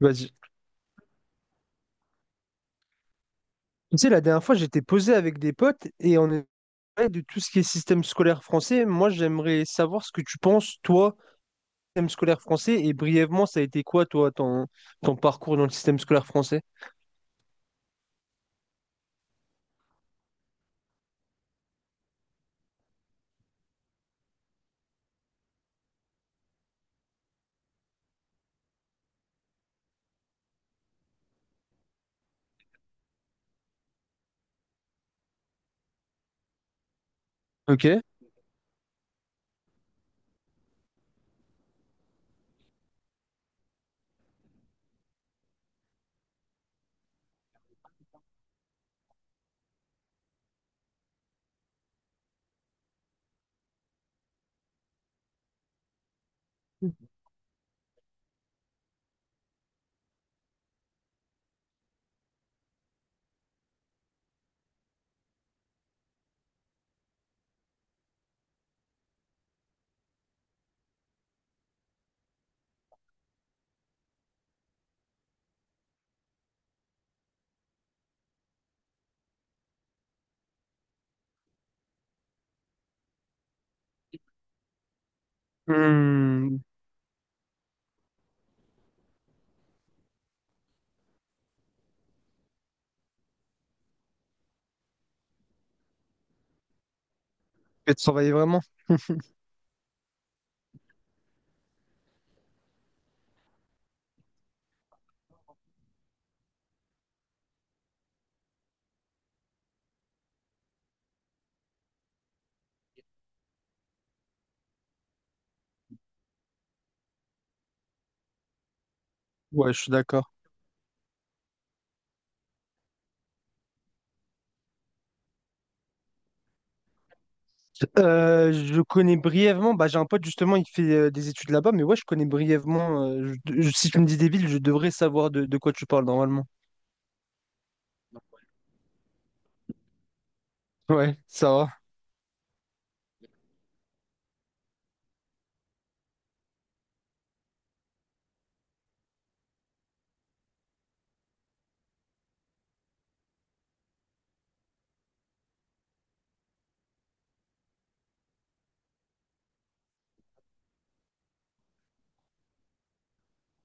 Vas-y. Tu sais, la dernière fois, j'étais posé avec des potes et on parlait de tout ce qui est système scolaire français. Moi, j'aimerais savoir ce que tu penses, toi, système scolaire français, et brièvement, ça a été quoi, toi, ton parcours dans le système scolaire français? Ok. Hmm. Tu travailler vraiment? Ouais, je suis d'accord. Je connais brièvement. Bah, j'ai un pote justement, il fait des études là-bas, mais ouais, je connais brièvement. Si tu me dis des villes, je devrais savoir de quoi tu parles normalement. Ouais, ça va.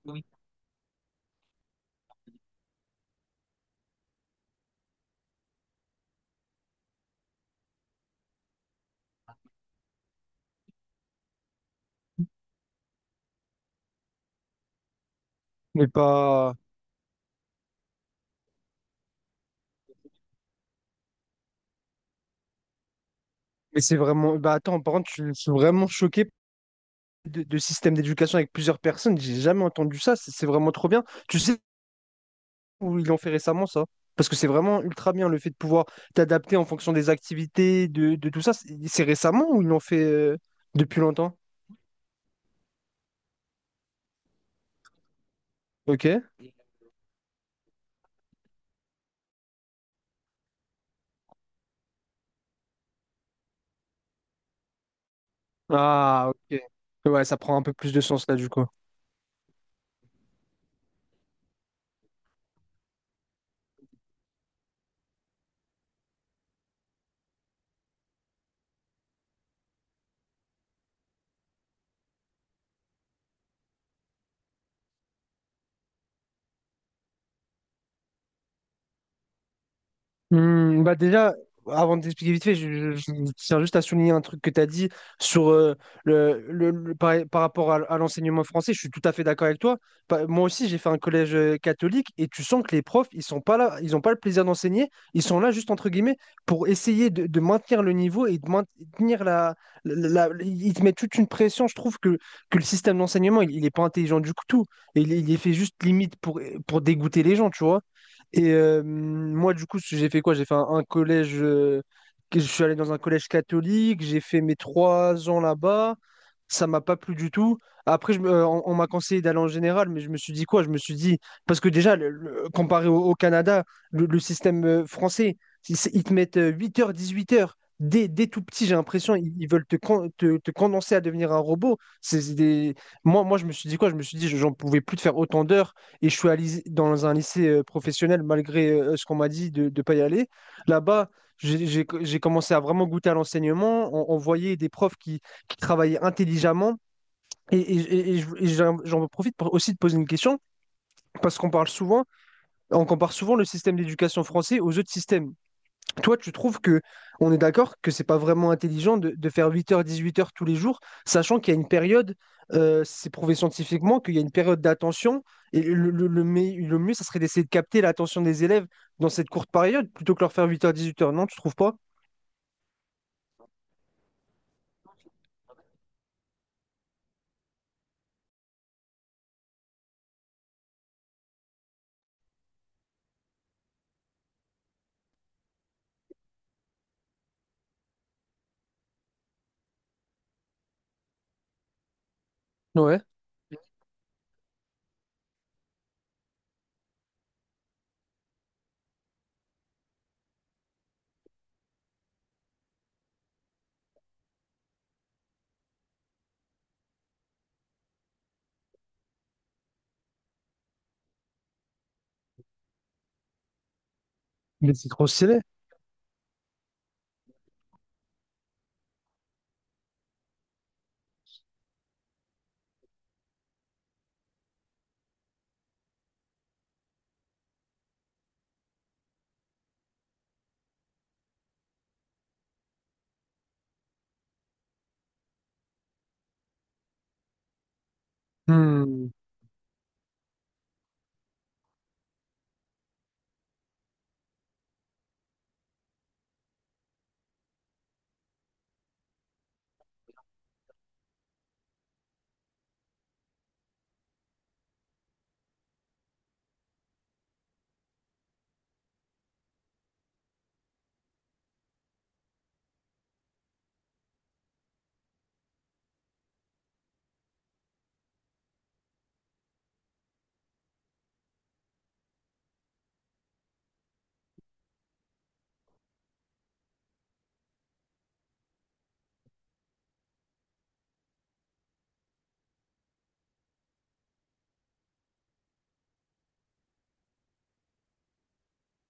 Oui. Mais pas. Mais c'est vraiment. Bah attends, par contre, je suis vraiment choqué de système d'éducation avec plusieurs personnes. J'ai jamais entendu ça. C'est vraiment trop bien. Tu sais où ils l'ont fait récemment, ça? Parce que c'est vraiment ultra bien le fait de pouvoir t'adapter en fonction des activités, de tout ça. C'est récemment ou ils l'ont fait depuis longtemps? Ok. Ah, ok. Ouais, ça prend un peu plus de sens là, du coup. Hmm, bah déjà, avant de t'expliquer vite fait, je tiens juste à souligner un truc que tu as dit sur par, par rapport à l'enseignement français. Je suis tout à fait d'accord avec toi. Pa- moi aussi, j'ai fait un collège catholique et tu sens que les profs, ils sont pas là, ils n'ont pas le plaisir d'enseigner. Ils sont là juste entre guillemets pour essayer de maintenir le niveau et de maintenir Ils te mettent toute une pression. Je trouve que le système d'enseignement, il est pas intelligent du tout. Il est fait juste limite pour dégoûter les gens, tu vois. Et moi, du coup, j'ai fait quoi? J'ai fait un collège. Je suis allé dans un collège catholique. J'ai fait mes 3 ans là-bas. Ça m'a pas plu du tout. Après, on m'a conseillé d'aller en général, mais je me suis dit quoi? Je me suis dit parce que déjà, comparé au Canada, le système français, ils te mettent 8h, 18h. Dès tout petit, j'ai l'impression ils veulent te condenser à devenir un robot. C'est des... je me suis dit quoi? Je me suis dit, j'en pouvais plus de faire autant d'heures et je suis allé dans un lycée professionnel malgré ce qu'on m'a dit de ne pas y aller. Là-bas, j'ai commencé à vraiment goûter à l'enseignement. On voyait des profs qui travaillaient intelligemment. Et, et- et j'en profite pour aussi de poser une question, parce qu'on parle souvent, on compare souvent le système d'éducation français aux autres systèmes. Toi, tu trouves que on est d'accord que c'est pas vraiment intelligent de faire 8h, 18h tous les jours, sachant qu'il y a une période, c'est prouvé scientifiquement, qu'il y a une période d'attention, et le mieux, ça serait d'essayer de capter l'attention des élèves dans cette courte période, plutôt que leur faire 8h, 18h, non, tu trouves pas? Ouais. Mais c'est trop stylé. Hmm.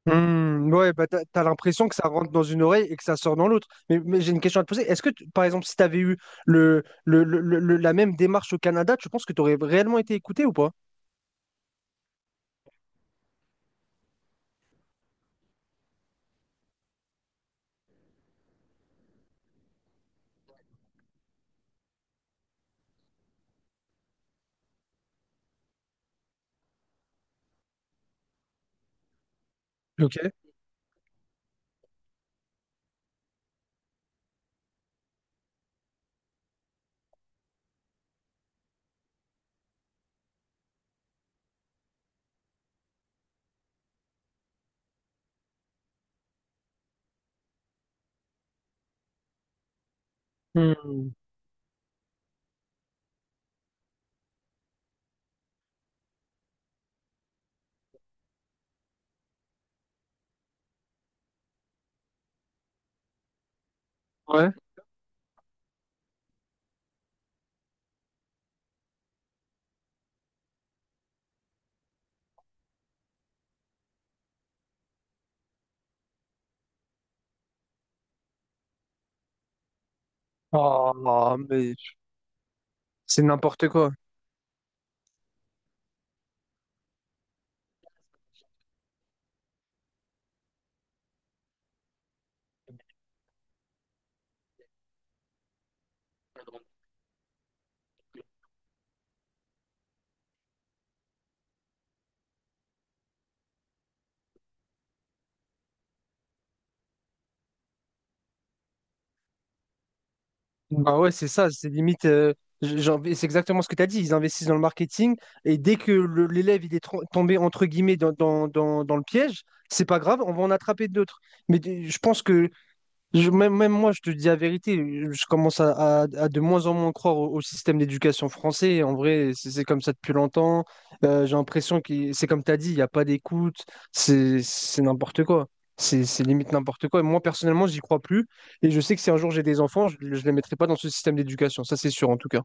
Hmm. Ouais, bah t'as l'impression que ça rentre dans une oreille et que ça sort dans l'autre. Mais j'ai une question à te poser. Par exemple, si t'avais eu la même démarche au Canada, tu penses que t'aurais réellement été écouté ou pas? Ok. Hmm. Ouais. Ah, mais c'est n'importe quoi. Bah ouais, c'est ça, c'est limite. C'est exactement ce que tu as dit. Ils investissent dans le marketing et dès que l'élève il est tro- tombé entre guillemets dans le piège, c'est pas grave, on va en attraper d'autres. Je pense que même moi, je te dis la vérité, je commence à de moins en moins croire au système d'éducation français. En vrai, c'est comme ça depuis longtemps. J'ai l'impression que c'est comme tu as dit, il n'y a pas d'écoute, c'est n'importe quoi. C'est limite n'importe quoi. Et moi, personnellement, j'y crois plus. Et je sais que si un jour j'ai des enfants, je ne les mettrai pas dans ce système d'éducation. Ça, c'est sûr, en tout cas.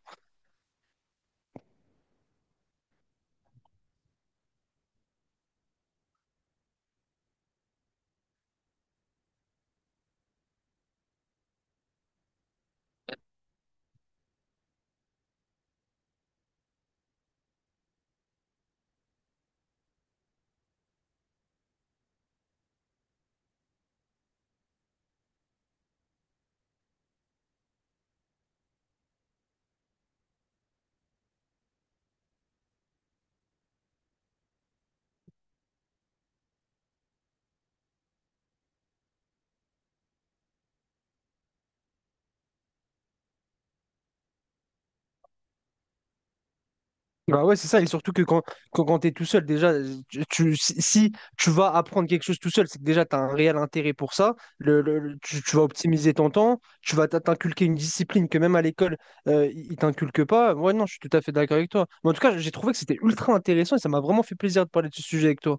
Bah ouais, c'est ça. Et surtout que quand tu es tout seul, déjà, si tu vas apprendre quelque chose tout seul, c'est que déjà, tu as un réel intérêt pour ça. Tu vas optimiser ton temps, tu vas t'in- t'inculquer une discipline que même à l'école, ils t'inculquent pas. Ouais, non, je suis tout à fait d'accord avec toi. Mais en tout cas, j'ai trouvé que c'était ultra intéressant et ça m'a vraiment fait plaisir de parler de ce sujet avec toi.